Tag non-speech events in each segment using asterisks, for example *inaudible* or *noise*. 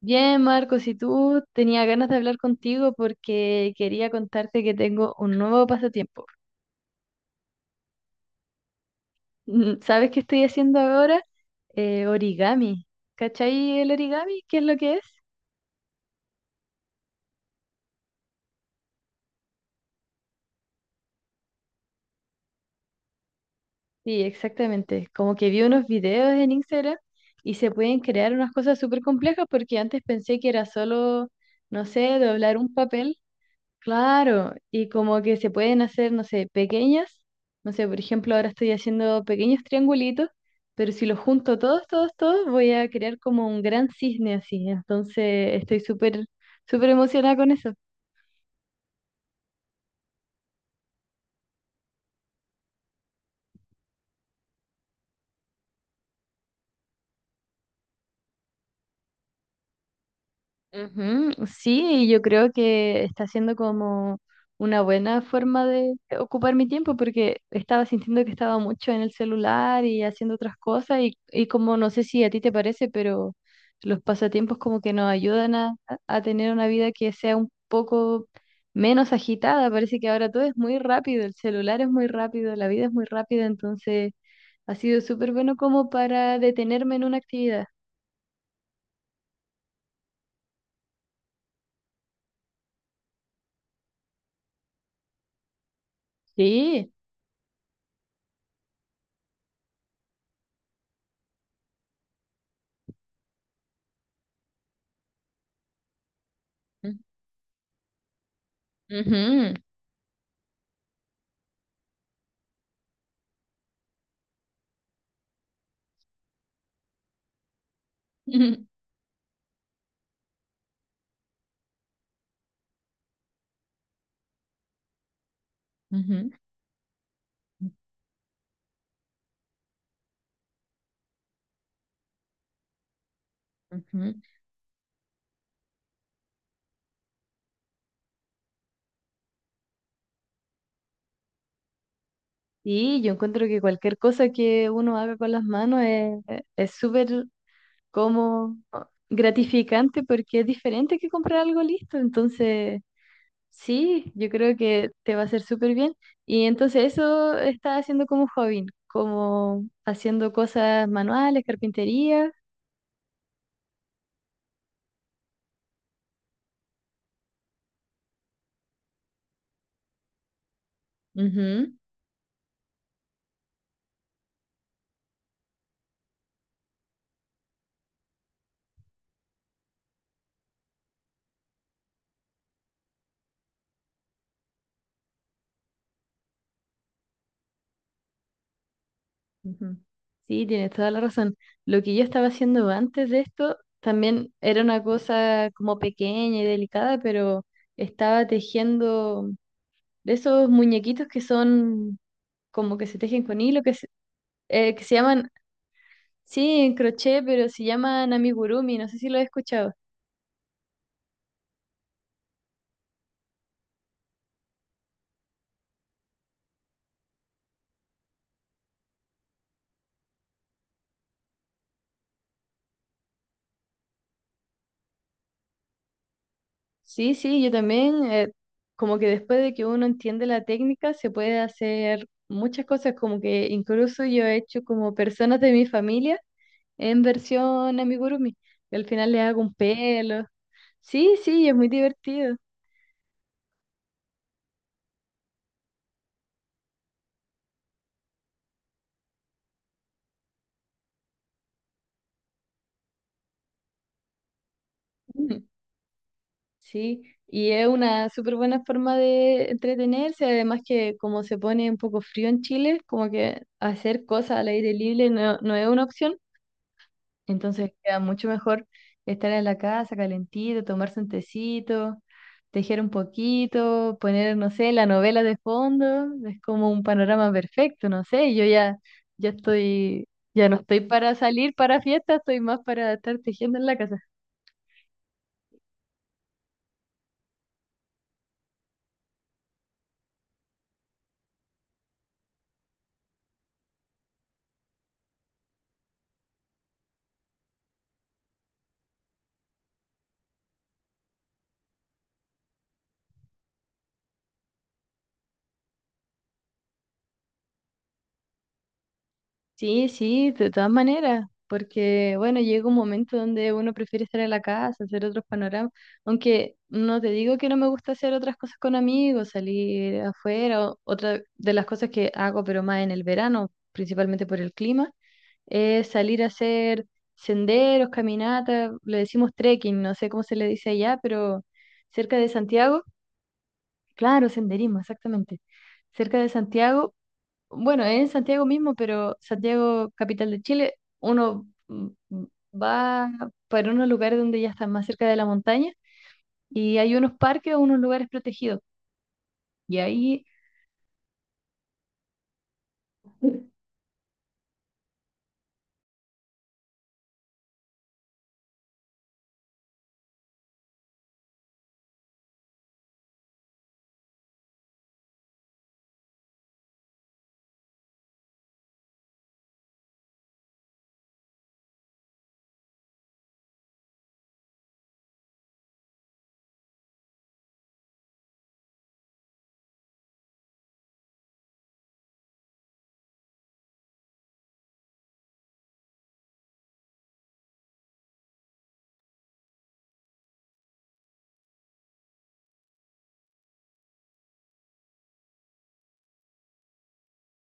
Bien, Marcos, y tú tenía ganas de hablar contigo porque quería contarte que tengo un nuevo pasatiempo. *laughs* ¿Sabes qué estoy haciendo ahora? Origami. ¿Cachai el origami? ¿Qué es lo que es? Sí, exactamente. Como que vi unos videos en Instagram y se pueden crear unas cosas súper complejas porque antes pensé que era solo, no sé, doblar un papel. Claro, y como que se pueden hacer, no sé, pequeñas, no sé, por ejemplo, ahora estoy haciendo pequeños triangulitos, pero si los junto todos, todos, todos, voy a crear como un gran cisne así, entonces estoy súper, súper emocionada con eso. Ujú. Sí, yo creo que está siendo como una buena forma de ocupar mi tiempo porque estaba sintiendo que estaba mucho en el celular y haciendo otras cosas y como no sé si a ti te parece, pero los pasatiempos como que nos ayudan a tener una vida que sea un poco menos agitada. Parece que ahora todo es muy rápido, el celular es muy rápido, la vida es muy rápida, entonces ha sido súper bueno como para detenerme en una actividad. Sí. Ujú. *laughs* Ujú, ujú. Y yo encuentro que cualquier cosa que uno haga con las manos es súper como gratificante porque es diferente que comprar algo listo. Entonces, sí, yo creo que te va a hacer súper bien. Y entonces eso está haciendo como hobby, como haciendo cosas manuales, carpintería. Ujú. Sí, tienes toda la razón. Lo que yo estaba haciendo antes de esto también era una cosa como pequeña y delicada, pero estaba tejiendo de esos muñequitos que son como que se tejen con hilo, que se llaman, sí, en crochet, pero se llaman amigurumi, no sé si lo he escuchado. Sí, sí, yo también, como que después de que uno entiende la técnica, se puede hacer muchas cosas, como que incluso yo he hecho como personas de mi familia en versión amigurumi. Y al final le hago un pelo. Sí, sí, es muy divertido. *laughs* Sí, y es una súper buena forma de entretenerse, además que como se pone un poco frío en Chile, como que hacer cosas al aire libre no, no es una opción. Entonces queda mucho mejor estar en la casa calentito, tomarse un tecito, tejer un poquito, poner, no sé, la novela de fondo. Es como un panorama perfecto, no sé. Yo ya, ya estoy, ya no estoy para salir para fiestas, estoy más para estar tejiendo en la casa. Sí, sí, de todas maneras, porque bueno, llega un momento donde uno prefiere estar en la casa, hacer otros panoramas, aunque no te digo que no me gusta hacer otras cosas con amigos, salir afuera, otra de las cosas que hago, pero más en el verano, principalmente por el clima, es salir a hacer senderos, caminatas, le decimos trekking, no sé cómo se le dice allá, pero cerca de Santiago, claro, senderismo, exactamente. Cerca de Santiago, bueno, es en Santiago mismo, pero Santiago, capital de Chile, uno va para unos lugares donde ya está más cerca de la montaña y hay unos parques o unos lugares protegidos. Y ahí,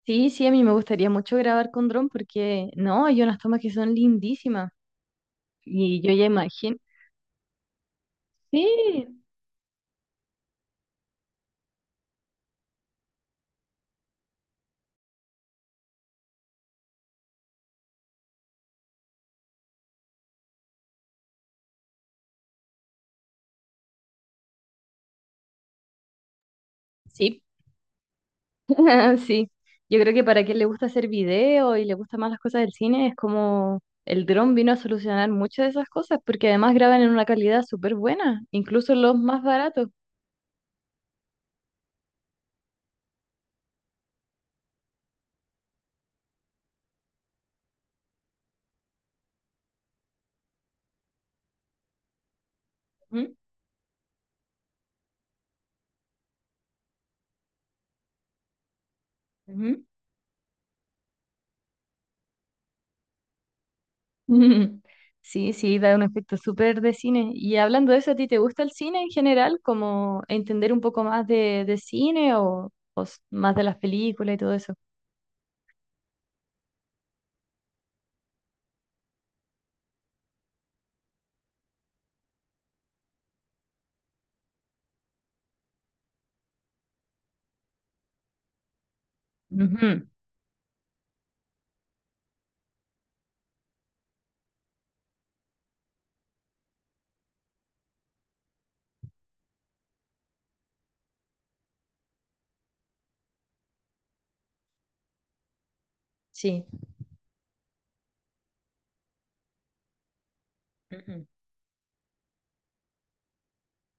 sí, sí, a mí me gustaría mucho grabar con dron porque, no, hay unas tomas que son lindísimas y yo ya imagino. Sí, sí. *laughs* Sí, yo creo que para quien le gusta hacer video y le gustan más las cosas del cine, es como el dron vino a solucionar muchas de esas cosas, porque además graban en una calidad súper buena, incluso los más baratos. Ujú, ujú. *laughs* Sí, sí, da un efecto súper de cine. Y hablando de eso, ¿a ti te gusta el cine en general? Como entender un poco más de cine o, más de las películas y todo eso. Ujú. Sí.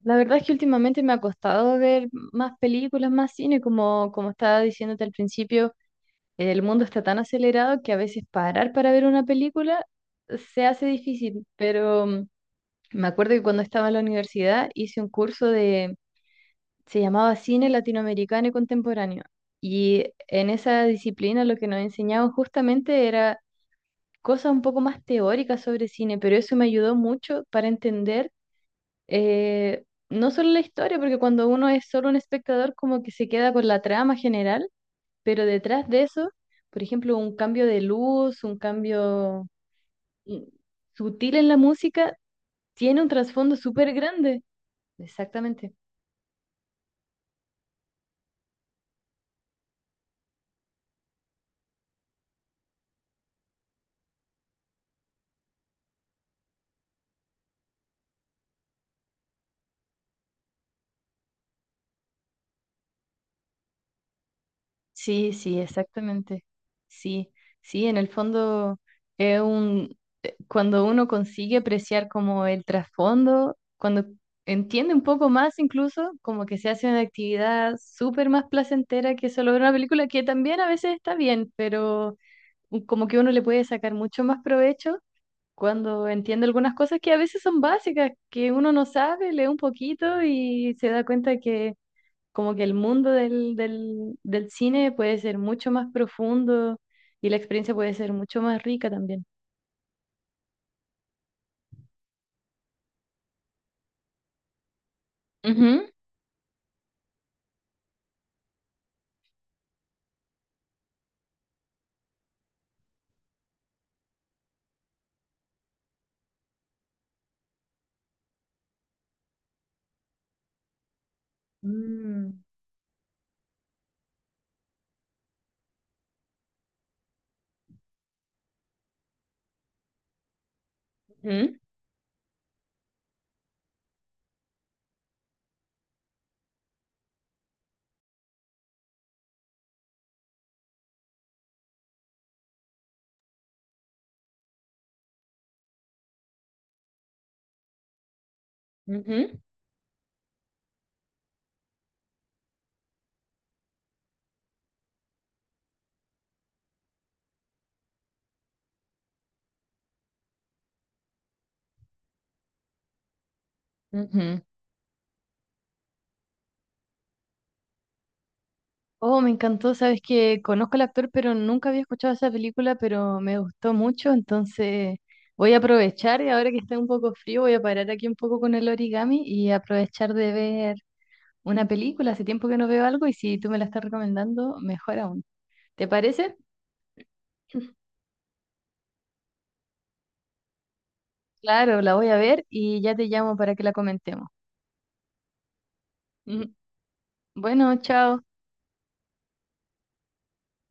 La verdad es que últimamente me ha costado ver más películas, más cine, como, como estaba diciéndote al principio, el mundo está tan acelerado que a veces parar para ver una película se hace difícil, pero me acuerdo que cuando estaba en la universidad hice un curso de, se llamaba Cine Latinoamericano y Contemporáneo, y en esa disciplina lo que nos enseñaban justamente era cosas un poco más teóricas sobre cine, pero eso me ayudó mucho para entender, no solo la historia, porque cuando uno es solo un espectador, como que se queda con la trama general, pero detrás de eso, por ejemplo, un cambio de luz, un cambio mm, sutil en la música, tiene un trasfondo súper grande. Exactamente. Sí, sí, exactamente. Sí, sí, en el fondo es un, cuando uno consigue apreciar como el trasfondo, cuando entiende un poco más incluso, como que se hace una actividad súper más placentera que solo ver una película, que también a veces está bien, pero como que uno le puede sacar mucho más provecho cuando entiende algunas cosas que a veces son básicas, que uno no sabe, lee un poquito y se da cuenta que como que el mundo del cine puede ser mucho más profundo y la experiencia puede ser mucho más rica también. Ujú. Mm. Ujú, ujú, ujú. Oh, me encantó, sabes que conozco al actor, pero nunca había escuchado esa película, pero me gustó mucho, entonces voy a aprovechar y ahora que está un poco frío, voy a parar aquí un poco con el origami y aprovechar de ver una película. Hace tiempo que no veo algo y si tú me la estás recomendando, mejor aún. ¿Te parece? Claro, la voy a ver y ya te llamo para que la comentemos. *laughs* Ujú. Bueno, chao.